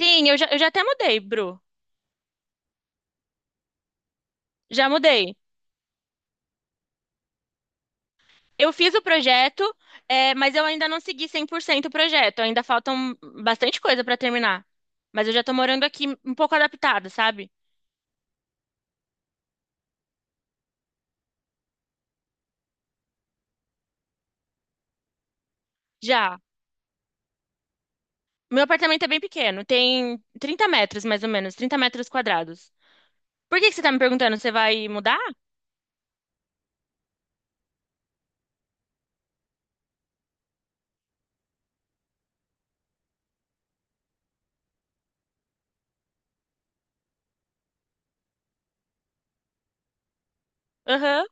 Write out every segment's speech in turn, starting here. Sim, eu já até mudei, Bru. Já mudei. Eu fiz o projeto, mas eu ainda não segui 100% o projeto. Ainda faltam bastante coisa pra terminar. Mas eu já tô morando aqui um pouco adaptada, sabe? Já. Meu apartamento é bem pequeno, tem 30 metros mais ou menos, 30 metros quadrados. Por que que você tá me perguntando? Você vai mudar? Aham.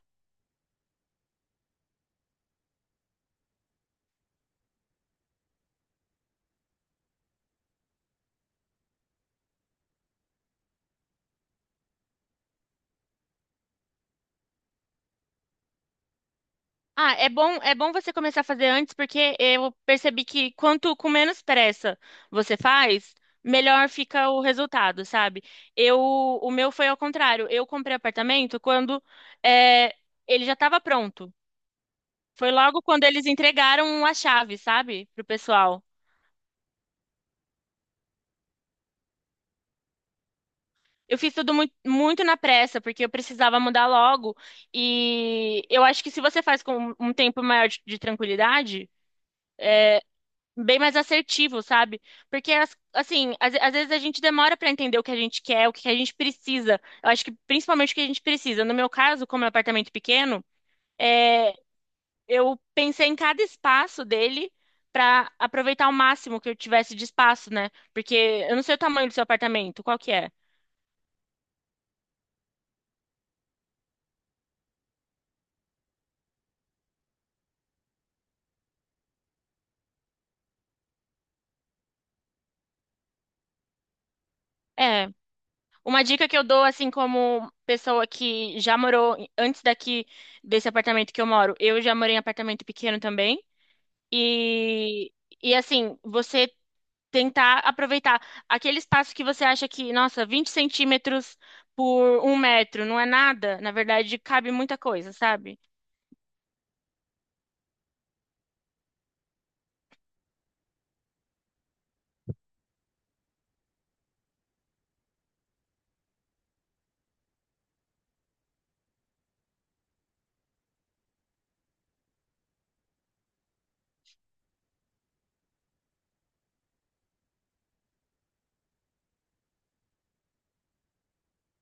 Ah, é bom você começar a fazer antes, porque eu percebi que quanto com menos pressa você faz, melhor fica o resultado, sabe? Eu, o meu foi ao contrário. Eu comprei apartamento quando é, ele já estava pronto. Foi logo quando eles entregaram a chave, sabe, pro pessoal. Eu fiz tudo muito, muito na pressa, porque eu precisava mudar logo. E eu acho que se você faz com um tempo maior de tranquilidade bem mais assertivo, sabe? Porque, assim, às vezes a gente demora pra entender o que a gente quer, o que a gente precisa. Eu acho que principalmente o que a gente precisa. No meu caso, como é um apartamento pequeno, é, eu pensei em cada espaço dele pra aproveitar o máximo que eu tivesse de espaço, né? Porque eu não sei o tamanho do seu apartamento, qual que é? É, uma dica que eu dou, assim, como pessoa que já morou antes daqui desse apartamento que eu moro, eu já morei em apartamento pequeno também. E, e assim, você tentar aproveitar aquele espaço que você acha que, nossa, 20 centímetros por um metro não é nada, na verdade, cabe muita coisa, sabe?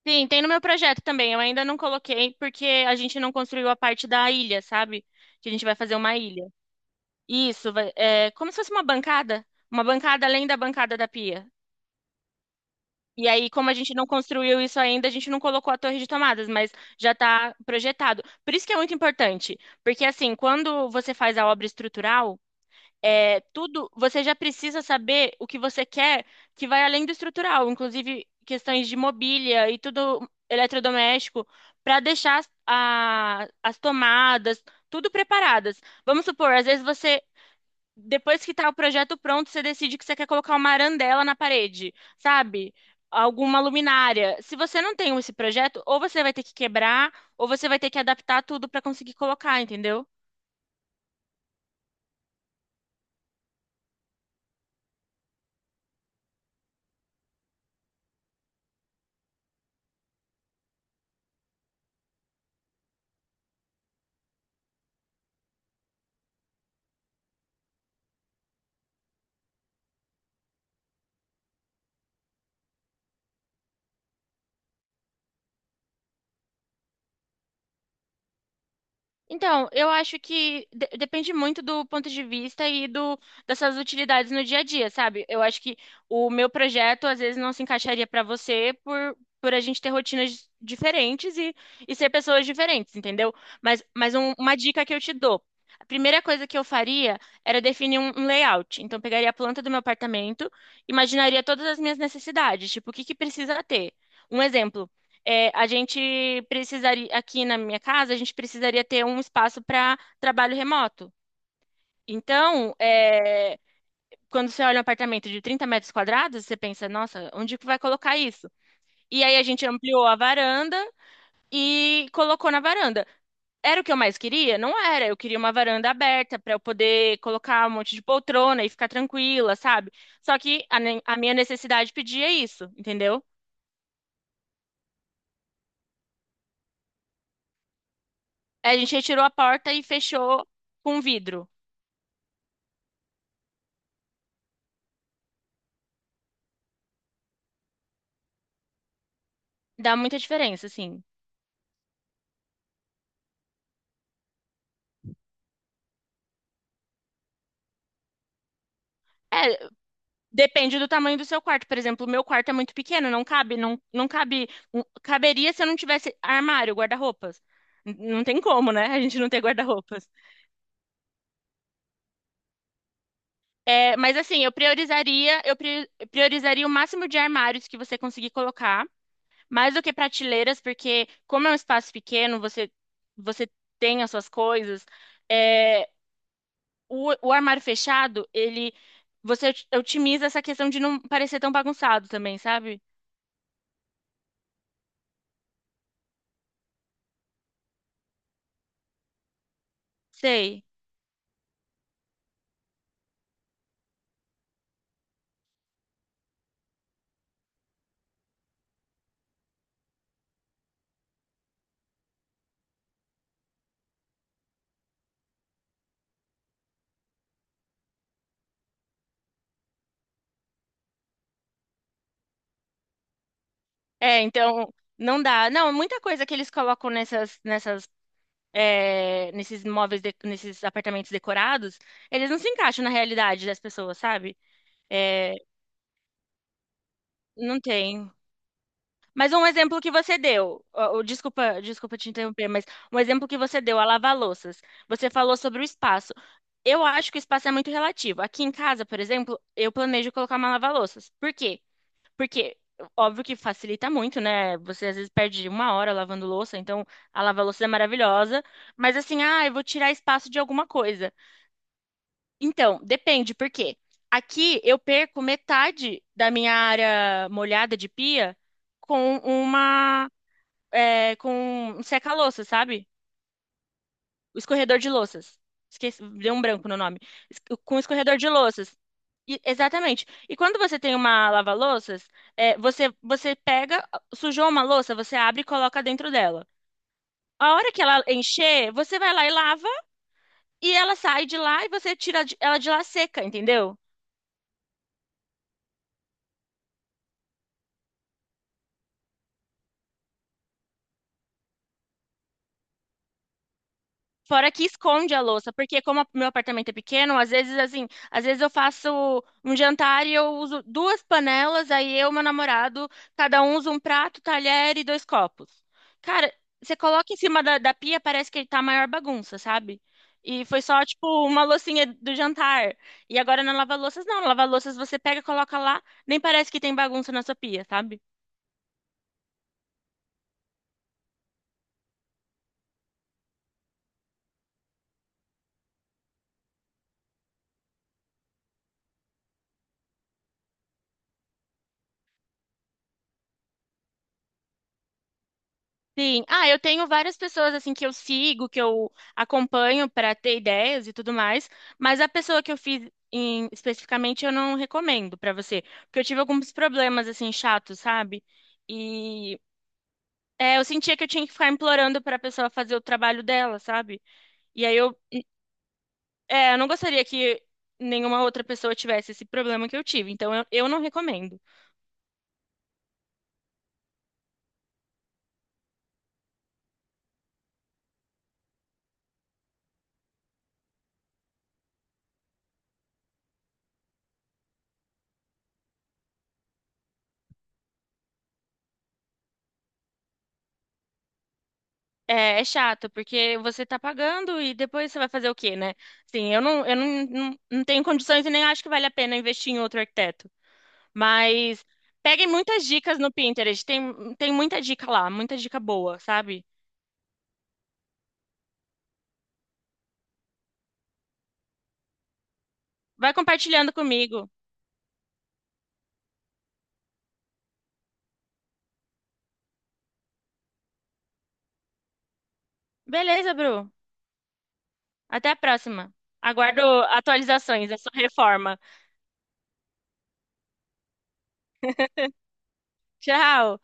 Sim, tem no meu projeto também. Eu ainda não coloquei porque a gente não construiu a parte da ilha, sabe? Que a gente vai fazer uma ilha. Isso, é como se fosse uma bancada. Uma bancada além da bancada da pia. E aí, como a gente não construiu isso ainda, a gente não colocou a torre de tomadas, mas já está projetado. Por isso que é muito importante, porque assim, quando você faz a obra estrutural, é tudo, você já precisa saber o que você quer que vai além do estrutural, inclusive questões de mobília e tudo eletrodoméstico, para deixar as as tomadas tudo preparadas. Vamos supor, às vezes você depois que tá o projeto pronto, você decide que você quer colocar uma arandela na parede, sabe? Alguma luminária. Se você não tem esse projeto, ou você vai ter que quebrar, ou você vai ter que adaptar tudo para conseguir colocar, entendeu? Então, eu acho que depende muito do ponto de vista e do dessas utilidades no dia a dia, sabe? Eu acho que o meu projeto às vezes não se encaixaria para você por a gente ter rotinas diferentes e ser pessoas diferentes, entendeu? Mas uma dica que eu te dou. A primeira coisa que eu faria era definir um layout. Então, eu pegaria a planta do meu apartamento, imaginaria todas as minhas necessidades, tipo, o que que precisa ter. Um exemplo é, a gente precisaria, aqui na minha casa, a gente precisaria ter um espaço para trabalho remoto. Então, quando você olha um apartamento de 30 metros quadrados, você pensa, nossa, onde que vai colocar isso? E aí a gente ampliou a varanda e colocou na varanda. Era o que eu mais queria? Não era. Eu queria uma varanda aberta para eu poder colocar um monte de poltrona e ficar tranquila, sabe? Só que a, a minha necessidade pedia isso, entendeu? A gente retirou a porta e fechou com vidro. Dá muita diferença, assim. É, depende do tamanho do seu quarto. Por exemplo, o meu quarto é muito pequeno, não cabe, não, não cabe. Caberia se eu não tivesse armário, guarda-roupas. Não tem como, né? A gente não ter guarda-roupas. É, mas assim, eu priorizaria, priorizaria o máximo de armários que você conseguir colocar, mais do que prateleiras, porque como é um espaço pequeno, você tem as suas coisas. é, o armário fechado, ele você otimiza essa questão de não parecer tão bagunçado também, sabe? Sei. É, então não dá. Não, muita coisa que eles colocam nessas nesses móveis nesses apartamentos decorados, eles não se encaixam na realidade das pessoas, sabe? É, não tem. Mas um exemplo que você deu, ó, ó, desculpa, desculpa te interromper, mas um exemplo que você deu, a lava-louças. Você falou sobre o espaço. Eu acho que o espaço é muito relativo. Aqui em casa, por exemplo, eu planejo colocar uma lava-louças. Por quê? Porque, óbvio que facilita muito, né? Você às vezes perde uma hora lavando louça, então a lava-louças é maravilhosa. Mas assim, ah, eu vou tirar espaço de alguma coisa. Então, depende, por quê? Aqui eu perco metade da minha área molhada de pia com uma com um seca-louças, sabe? O escorredor de louças. Esqueci, deu um branco no nome. Es- Com escorredor de louças. Exatamente. E quando você tem uma lava-louças, você pega, sujou uma louça, você abre e coloca dentro dela. A hora que ela encher, você vai lá e lava, e ela sai de lá e você tira ela de lá seca, entendeu? Fora que esconde a louça, porque como meu apartamento é pequeno, às vezes assim, às vezes eu faço um jantar e eu uso duas panelas, aí eu e meu namorado, cada um usa um prato, talher e dois copos. Cara, você coloca em cima da pia, parece que tá a maior bagunça, sabe? E foi só, tipo, uma loucinha do jantar. E agora na lava-louças, não. Na lava-louças você pega, coloca lá, nem parece que tem bagunça na sua pia, sabe? Sim. Ah, eu tenho várias pessoas assim que eu sigo, que eu acompanho para ter ideias e tudo mais, mas a pessoa que eu fiz especificamente eu não recomendo para você, porque eu tive alguns problemas assim chatos, sabe? E eu sentia que eu tinha que ficar implorando para a pessoa fazer o trabalho dela, sabe? E aí eu, eu não gostaria que nenhuma outra pessoa tivesse esse problema que eu tive, então eu não recomendo. É, é chato, porque você tá pagando e depois você vai fazer o quê, né? Assim, eu não, não, não tenho condições e nem acho que vale a pena investir em outro arquiteto. Mas peguem muitas dicas no Pinterest, tem muita dica lá, muita dica boa, sabe? Vai compartilhando comigo. Beleza, Bru. Até a próxima. Aguardo atualizações da sua reforma. Tchau!